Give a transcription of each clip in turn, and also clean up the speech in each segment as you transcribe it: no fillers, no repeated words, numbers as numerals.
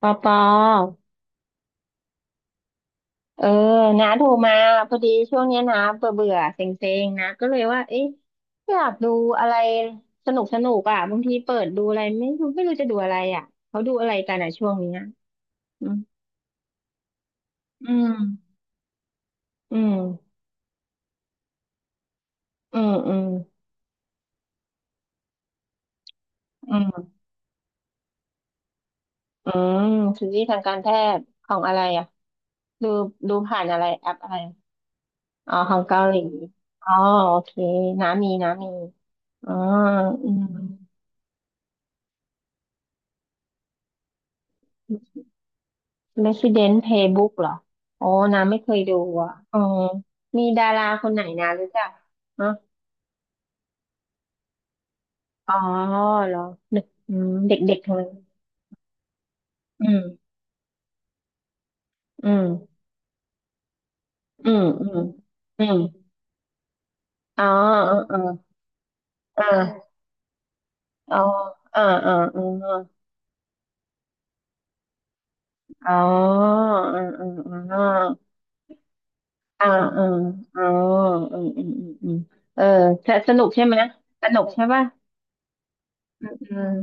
ปอปอเออนาโทรมาพอดีช่วงเนี้ยนะเบื่อเบื่อเซ็งเซ็งๆนะก็เลยว่าเอ๊ะอยากดูอะไรสนุกสนุกอ่ะบางทีเปิดดูอะไรไม่รู้จะดูอะไรอ่ะเขาดูอะไรกันอ่ะช่วงเนี้ยอืมอืมอืมอืมอืมอืมอืมซีรีส์ทางการแพทย์ของอะไรอ่ะดูดูผ่านอะไรแอปอะไรอ๋อของเกาหลีอ๋อโอเคน้ามีอ๋ออืม Resident Playbook เหรอโอ้น้าไม่เคยดูอ่ะอ๋อมีดาราคนไหนนะรู้จักฮะอ๋อเหรอเด็กเด็กๆทั้งนั้นอืมอืมอืมอืมอืมอ๋อเออเออเอออ๋อเออเออเอออ๋อเออเออเอออ่าเอออ๋ออืมอืมอืมอืมเออสนุกใช่ไหมสนุกใช่ป่ะอืมอม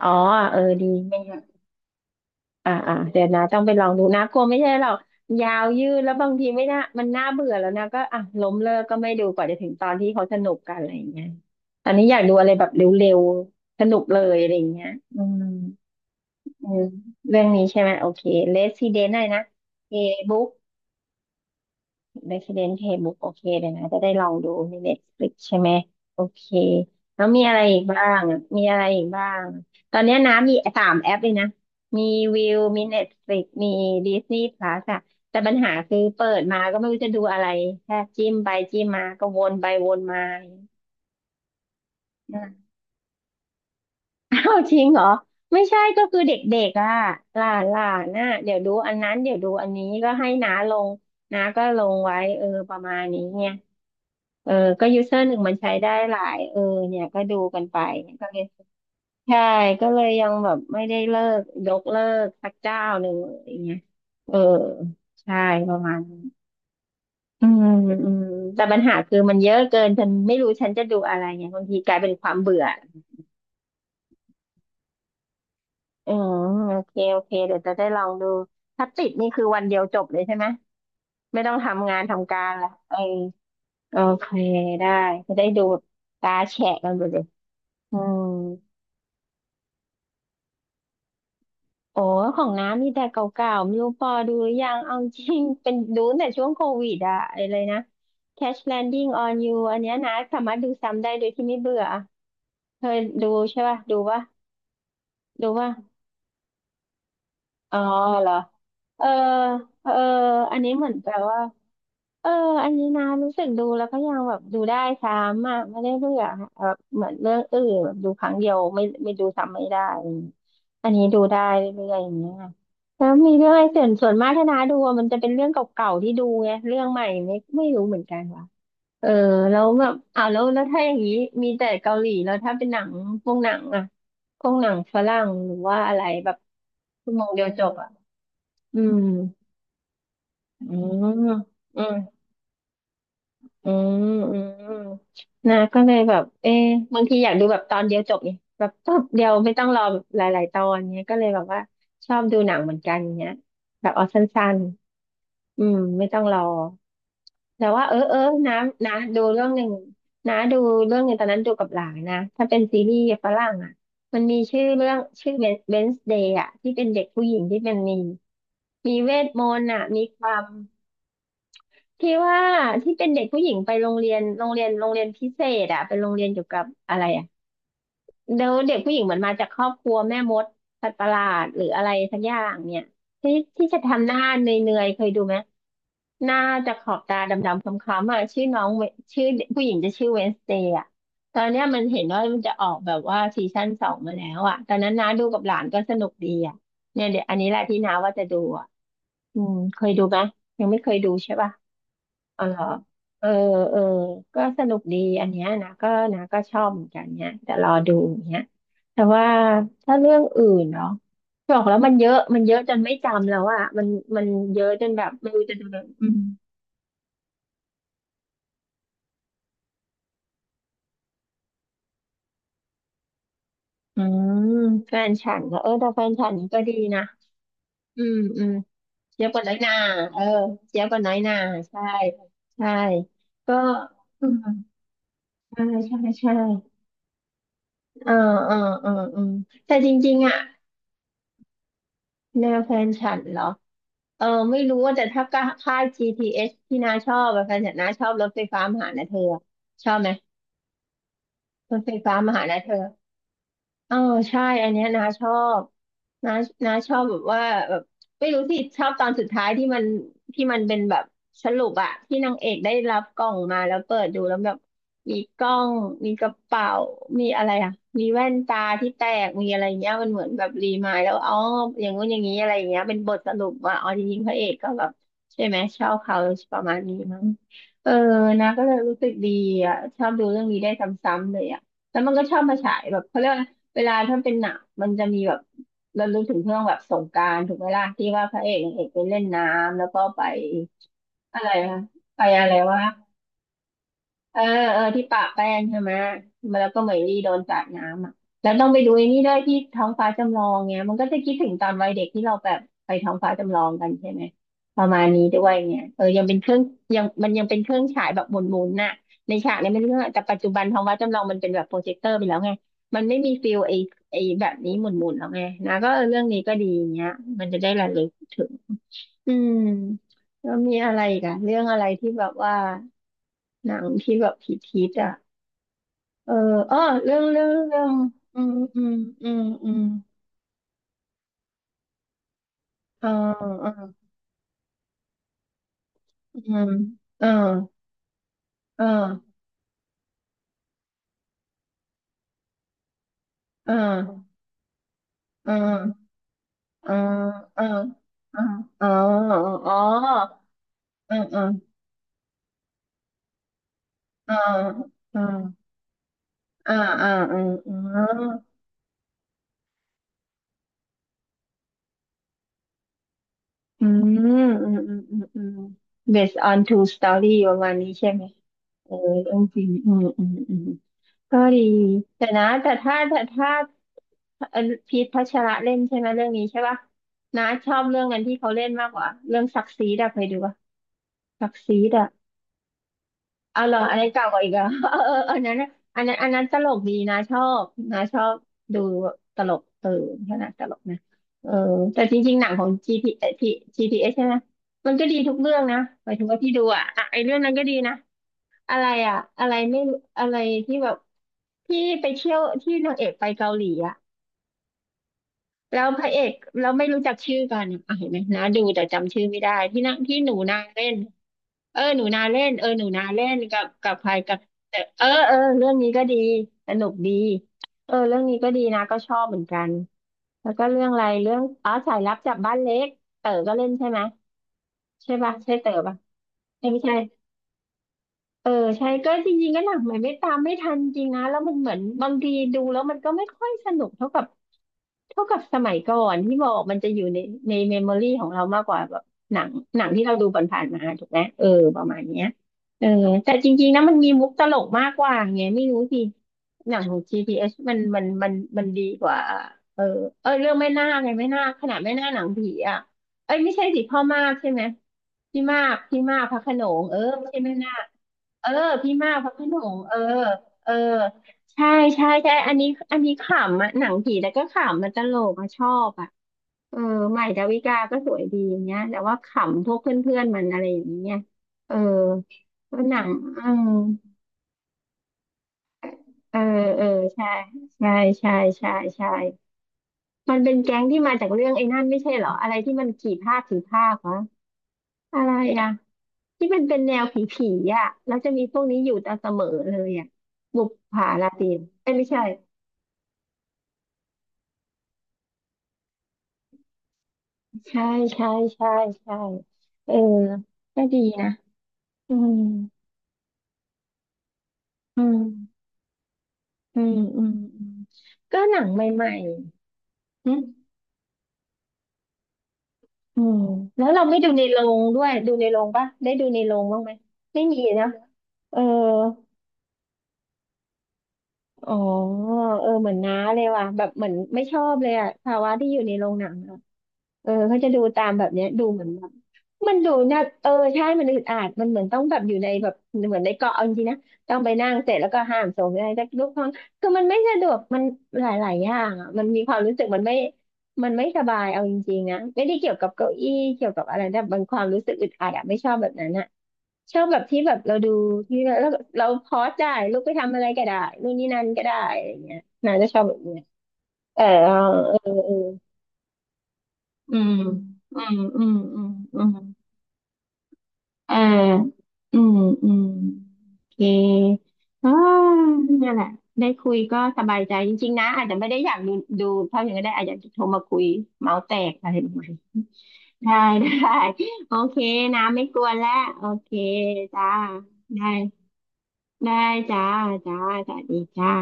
อ๋อเออดีไม่ อ่าอ่าเดี๋ยวนะต้องไปลองดูนะกลัวไม่ใช่หรอกยาวยืดแล้วบางทีไม่น่ามันน่าเบื่อแล้วนะก็อ่ะล้มเลิกก็ไม่ดูกว่าจะถึงตอนที่เขาสนุกกันอะไรอย่างเงี้ยตอนนี้อยากดูอะไรแบบเร็วๆสนุกเลยอะไรอย่างเงี้ยอืมอืมเรื่องนี้ใช่ไหมโอเค Resident อะไรนะ A b o o k Resident Playbook โอเคเดี๋ยวนะจะได้ลองดูใน Netflix ใช่ไหมโอเคแล้วมีอะไรอีกบ้างอะมีอะไรอีกบ้างตอนเนี้ยนะมีสามแอปเลยนะมีวิวมี Netflix มี Disney Plus อะแต่ปัญหาคือเปิดมาก็ไม่รู้จะดูอะไรแค่จิ้มไปจิ้มมาก็วนไปวนมาอ่ะอ้า วจริงเหรอไม่ใช่ก็คือเด็กๆอ่ะหลานหลานน่ะเดี๋ยวดูอันนั้นเดี๋ยวดูอันนี้ก็ให้น้าลงน้าก็ลงไว้เออประมาณนี้ไง เออก็ยูเซอร์หนึ่งมันใช้ได้หลายเออเนี่ยก็ดูกันไปก็เลยใช่ก็เลยยังแบบไม่ได้เลิกยกเลิกสักเจ้าหนึ่งอะไรเงี้ยเออใช่ประมาณนั้นอืมอืมแต่ปัญหาคือมันเยอะเกินฉันไม่รู้ฉันจะดูอะไรไงบางทีกลายเป็นความเบื่ออืมโอเค โอเคเดี๋ยวจะได้ลองดู ถ้าติดนี่คือวันเดียวจบเลยใช่ไหม ไม่ต้องทำงานทำการละเออโอเค ได้ จะได้ดูแบบตาแฉะกันไปเลยอืม โอ้ ของน้ำมีแต่เก่าๆ ไม่รู้พอดูหรือยังเอาจริง เป็นดูตั้งแต่ช่วงโควิดอะไอ้เลยนะ Crash Landing on You อันเนี้ยนะสามารถดูซ้ำได้โดยที่ไม่เบื่อเคยดูใช่ป่ะ ดูป่ะดูป่ะ อ๋อเหรอเออเอออันนี้เหมือนแปลว่าเอออันนี้นะรู้สึกดูแล้วก็ยังแบบดูได้ซ้ำอ่ะไม่ได้เบื่อแบบเหมือนเรื่องอื่นแบบดูครั้งเดียวไม่ดูซ้ำไม่ได้ อันนี้ดูได้เรื่อยๆอย่างเงี้ยแล้วมีเรื่องอะไรส่วนมากถ้านาดูอะมันจะเป็นเรื่องเก่าๆที่ดูไงเรื่องใหม่ไม่รู้เหมือนกันว่ะเออแล้วแบบอ้าวแล้วแล้วถ้าอย่างนี้มีแต่เกาหลีแล้วถ้าเป็นหนังพวกหนังอ่ะพวกหนังฝรั่งหรือว่าอะไรแบบชั่วโมงเดียวจบอ่ะ อืมอออืมอืมอืมอืมนะก็เลยแบบเอ๊ะบางทีอยากดูแบบตอนเดียวจบเนี่ยแบบปุ๊บเดียวไม่ต้องรอแบบหลายๆตอนเนี้ยก็เลยแบบว่าชอบดูหนังเหมือนกันเนี้ยแบบเอาสั้นๆอืมไม่ต้องรอแต่ว่าเออเออนะดูเรื่องหนึ่งนะดูเรื่องหนึ่งตอนนั้นดูกับหลานนะถ้าเป็นซีรีส์ฝรั่งอ่ะมันมีชื่อเรื่องชื่อเวนส์เดย์อ่ะที่เป็นเด็กผู้หญิงที่เป็นมีเวทมนต์อ่ะมีความ พี่ว่าที่เป็นเด็กผู้หญิงไปโรงเรียนโรงเรียนโรงเรียนพิเศษอะเป็นโรงเรียนเกี่ยวกับอะไรอะเดี๋ยวเด็กผู้หญิงเหมือนมาจากครอบครัวแม่มดสัตว์ประหลาดหรืออะไรสักอย่างเนี่ยที่ที่จะทำหน้าเนยๆเคยดูไหมหน้าจะขอบตาดำๆคล้ำๆอะชื่อน้องเวชื่อเด็กผู้หญิงจะชื่อเวนสเตย์อะตอนเนี้ยมันเห็นว่ามันจะออกแบบว่าซีซั่นสองมาแล้วอะตอนนั้นน้าดูกับหลานก็สนุกดีอะเนี่ยเดี๋ยวอันนี้แหละที่น้าว่าจะดูอะอืมเคยดูไหมยังไม่เคยดูใช่ปะ อ๋อเหรอเออเออก็สนุกดีอันเนี้ยนะก็นะก็ชอบเหมือนกันเนี่ยแต่รอดูอย่างเนี้ยแต่ว่าถ้าเรื่องอื่นเนาะบอกแล้วมันเยอะจนไม่จำแล้วอะมันเยอะจนแบบไม่รู้จะดูแบบอืมแฟนฉันนะเออแต่แฟนฉันนี่ก็ดีนะอืมอืมเจี๊ยบกับน้อยนาเออเจี๊ยบกับน้อยนาใช่ใช่ก็อืมใช่ใช่ใช่เออเออเออเออแต่จริงๆอะแนวแฟนฉันเหรอ เออไม่รู้ว่าแต่ถ้าค่าย GTH ทีเอสที่น้าชอบอะค่ะแต่น้าชอบรถไฟฟ้ามหานะเธอชอบไหมรถไฟฟ้ามหานะเธอ เออใช่อันเนี้ยนาชอบนานาชอบแบบว่าแบบไม่รู้สิชอบตอนสุดท้ายที่มันเป็นแบบสรุปอะที่นางเอกได้รับกล่องมาแล้วเปิดดูแล้วแบบมีกล้องมีกระเป๋ามีอะไรอะมีแว่นตาที่แตกมีอะไรเงี้ยมันเหมือนแบบรีมายแล้วอ๋ออย่างงู้นอย่างนี้อะไรอย่างเงี้ยเป็นบทสรุปว่าอ๋อจริงๆพระเอกก็แบบใช่ไหมชอบเขาประมาณนี้มั้งเออนาก็เลยรู้สึกดีอะชอบดูเรื่องนี้ได้ซ้ำๆเลยอะแล้วมันก็ชอบมาฉายแบบเขาเรียกว่า เวลาถ้าเป็นหนังมันจะมีแบบเรารู้ถึงเรื่องแบบสงกรานต์ถูกไหมล่ะที่ว่าพระเอกนางเอกไปเล่นน้ำแล้วก็ไปอะไรนะไปอะไรว่า เออเออที่ปะแป้งใช่ไหมมาแล้วก็เหมยลี่โดนสาดน้ำอ่ะแล้วต้องไปดูไอ้นี่ด้วยที่ท้องฟ้าจำลองเงี้ยมันก็จะคิดถึงตอนวัยเด็กที่เราแบบไปท้องฟ้าจำลองกันใช่ไหมประมาณนี้ด้วยเนี่ยเออยังเป็นเครื่องยังมันยังเป็นเครื่องฉายแบบหมุนๆน่ะในฉากเนี้ไม่รู้ว่าแต่ปัจจุบันท้องฟ้าจำลองมันเป็นแบบโปรเจคเตอร์ไปแล้วไงมันไม่มีฟิลไอ้แบบนี้หมุนๆแล้วไงนะก็เออเรื่องนี้ก็ดีเงี้ยมันจะได้ระลึกถึงอืมแล้วมีอะไรอีกันเรื่องอะไรที่แบบว่าหนังที่แบบพีคๆอ่ะ เอออ้อเรื่องอืมอืมอืมอืมอ่าอ่าอืมอ่าอ่าอ่าอ่าอ่าอ่าอ่าอ๋ออ๋ออ่าอ่าอ่าอ่าอ่าอ่าอ่าอืมอืมอืมอืมอืมอืม based on true story ประมาณนี้ใช่ไหมเออเรื่องจริงอืมอืมอืม ก็ดีแต่นะแต่ถ้าเอ่อพีทพัชระเล่นใช่ไหมเรื่องนี้ใช่ป่ะนะชอบเรื่องนั้นที่เขาเล่นมากกว่าเรื่องซักซีดอะเคยดูป่ะซักซีดอะเอาเหรออันนี้เก่ากว่าอีกเหรอ เออเออ อันนั้นน่ะอันนั้นตลกดีนะชอบนะชอบดูตลกเออขนาดตลกนะเออแต่จริงๆหนังของจีพีGPS ใช่ไหมมันก็ดีทุกเรื่องนะหมายถึงว่าที่ดูอะอ่ะไอเรื่องนั้นก็ดีนะ อะไรอะอะไรไม่รู้อะไรที่แบบไปเที่ยวที่นางเอกไปเกาหลีอะแล้วพระเอกเราไม่รู้จักชื่อกันอะ่ะเห็นไหมนะดูแต่จำชื่อไม่ได้ที่นั่งที่หนูนาเล่นเออหนูนาเล่นเออหนูนาเล่นกับใครกับแต่เออเออเรื่องนี้ก็ดีสนุกดีเออเรื่องนี้ก็ดีนะก็ชอบเหมือนกันแล้วก็เรื่องอะไรเรื่องอ๋อสายลับจับบ้านเล็กเต๋อก็เล่นใช่ไหมใช่ป่ะใช่เต๋อป่ะเอ้ยไม่ใช่ เออใช่ก็จริงๆก็หนังใหม่ไม่ตามไม่ทันจริงนะแล้วมันเหมือนบางทีดูแล้วมันก็ไม่ค่อยสนุกเท่ากับสมัยก่อนที่บอกมันจะอยู่ในเมมโมรี่ของเรามากกว่าแบบหนังหนังที่เราดูผ่านๆมาถูกไหมเออประมาณเนี้ยเออแต่จริงๆนะมันมีมุกตลกมากกว่าไงไม่รู้สิหนังของ GPS มันมันดีกว่าเออเออเรื่องแม่นาคไงแม่นาคขนาดแม่นาคหนังผีอ่ะเอ้ยไม่ใช่สิพ่อมากใช่ไหมพี่มากพระโขนงเออไม่ใช่แม่นาค เออพี่มากเพราะพี่หนุ่มเออเออใช่ใช่ใช่อันนี้ขำอ่ะหนังผีแล้วก็ขำมันตลกอะชอบอ่ะเออใหม่ดาวิกาก็สวยดีอย่างเงี้ยแต่ว่าขำพวกเพื่อนๆมันอะไรอย่างเงี้ยเออว่าหนังอืมเออเออใช่ใช่ใช่ใช่ใช่มันเป็นแก๊งที่มาจากเรื่องไอ้นั่นไม่ใช่เหรออะไรที่มันกี่ภาคกี่ภาควะอะไรอ่ะ ที่มันเป็นแนวผีผีอ่ะแล้วจะมีพวกนี้อยู่ตามเสมอเลยอ่ะบุปผาราตรีเอ้ยไม่ใช่ใช่ใช่ใช่ใช่เออก็ดีนะอืมอืมอืมอืมอืมก็หนังใหม่ๆอืมอืมแล้วเราไม่ดูในโรงด้วยดูในโรงปะได้ดูในโรงบ้างไหมไม่มีนะเอออ๋อเออเหมือนน้าเลยว่ะแบบเหมือนไม่ชอบเลยอะภาวะที่อยู่ในโรงหนัง เออเขาจะดูตามแบบเนี้ยดูเหมือนแบบมันดูน่าเออใช่มันอึดอัดมันเหมือนต้องแบบอยู่ในแบบเหมือนในเกาะเอาจริงๆนะต้องไปนั่งเสร็จแล้วก็ห้ามส่งอะไรสักลูกห้องคือมันไม่สะดวกมันหลายๆอย่างอ่ะมันมีความรู้สึกมันไม่มันไม่สบายเอาจริงๆนะไม่ได้เกี่ยวกับเก้าอี้เกี่ยวกับอะไรแต่บางความรู้สึกอึดอัดอะไม่ชอบแบบนั้นอ่ะชอบแบบที่แบบเราดูที่แล้วเราพอสได้ลูกไปทำอะไรก็ได้นู่นนี่นั่นก็ได้อะไรอย่างเงี้ยน่าจะชอบแบบเนี้ยเออเออเออ อืมอืมอืมอืมอืมเอออืมอืม โอเคอ่านั่นแหละได้คุยก็สบายใจจริงๆนะ อาจจะไม่ได้อยากดูดูเท่าอย่างนั้นก็ได้อาจจะอยากจะโทรมาคุยเมาส์แตกอะไรประมาณนี้ได้ได้โอเคนะ ไม่กวนแล้ว โอเคจ้าได้ได้จ้าจ้าสวัสดีจ้า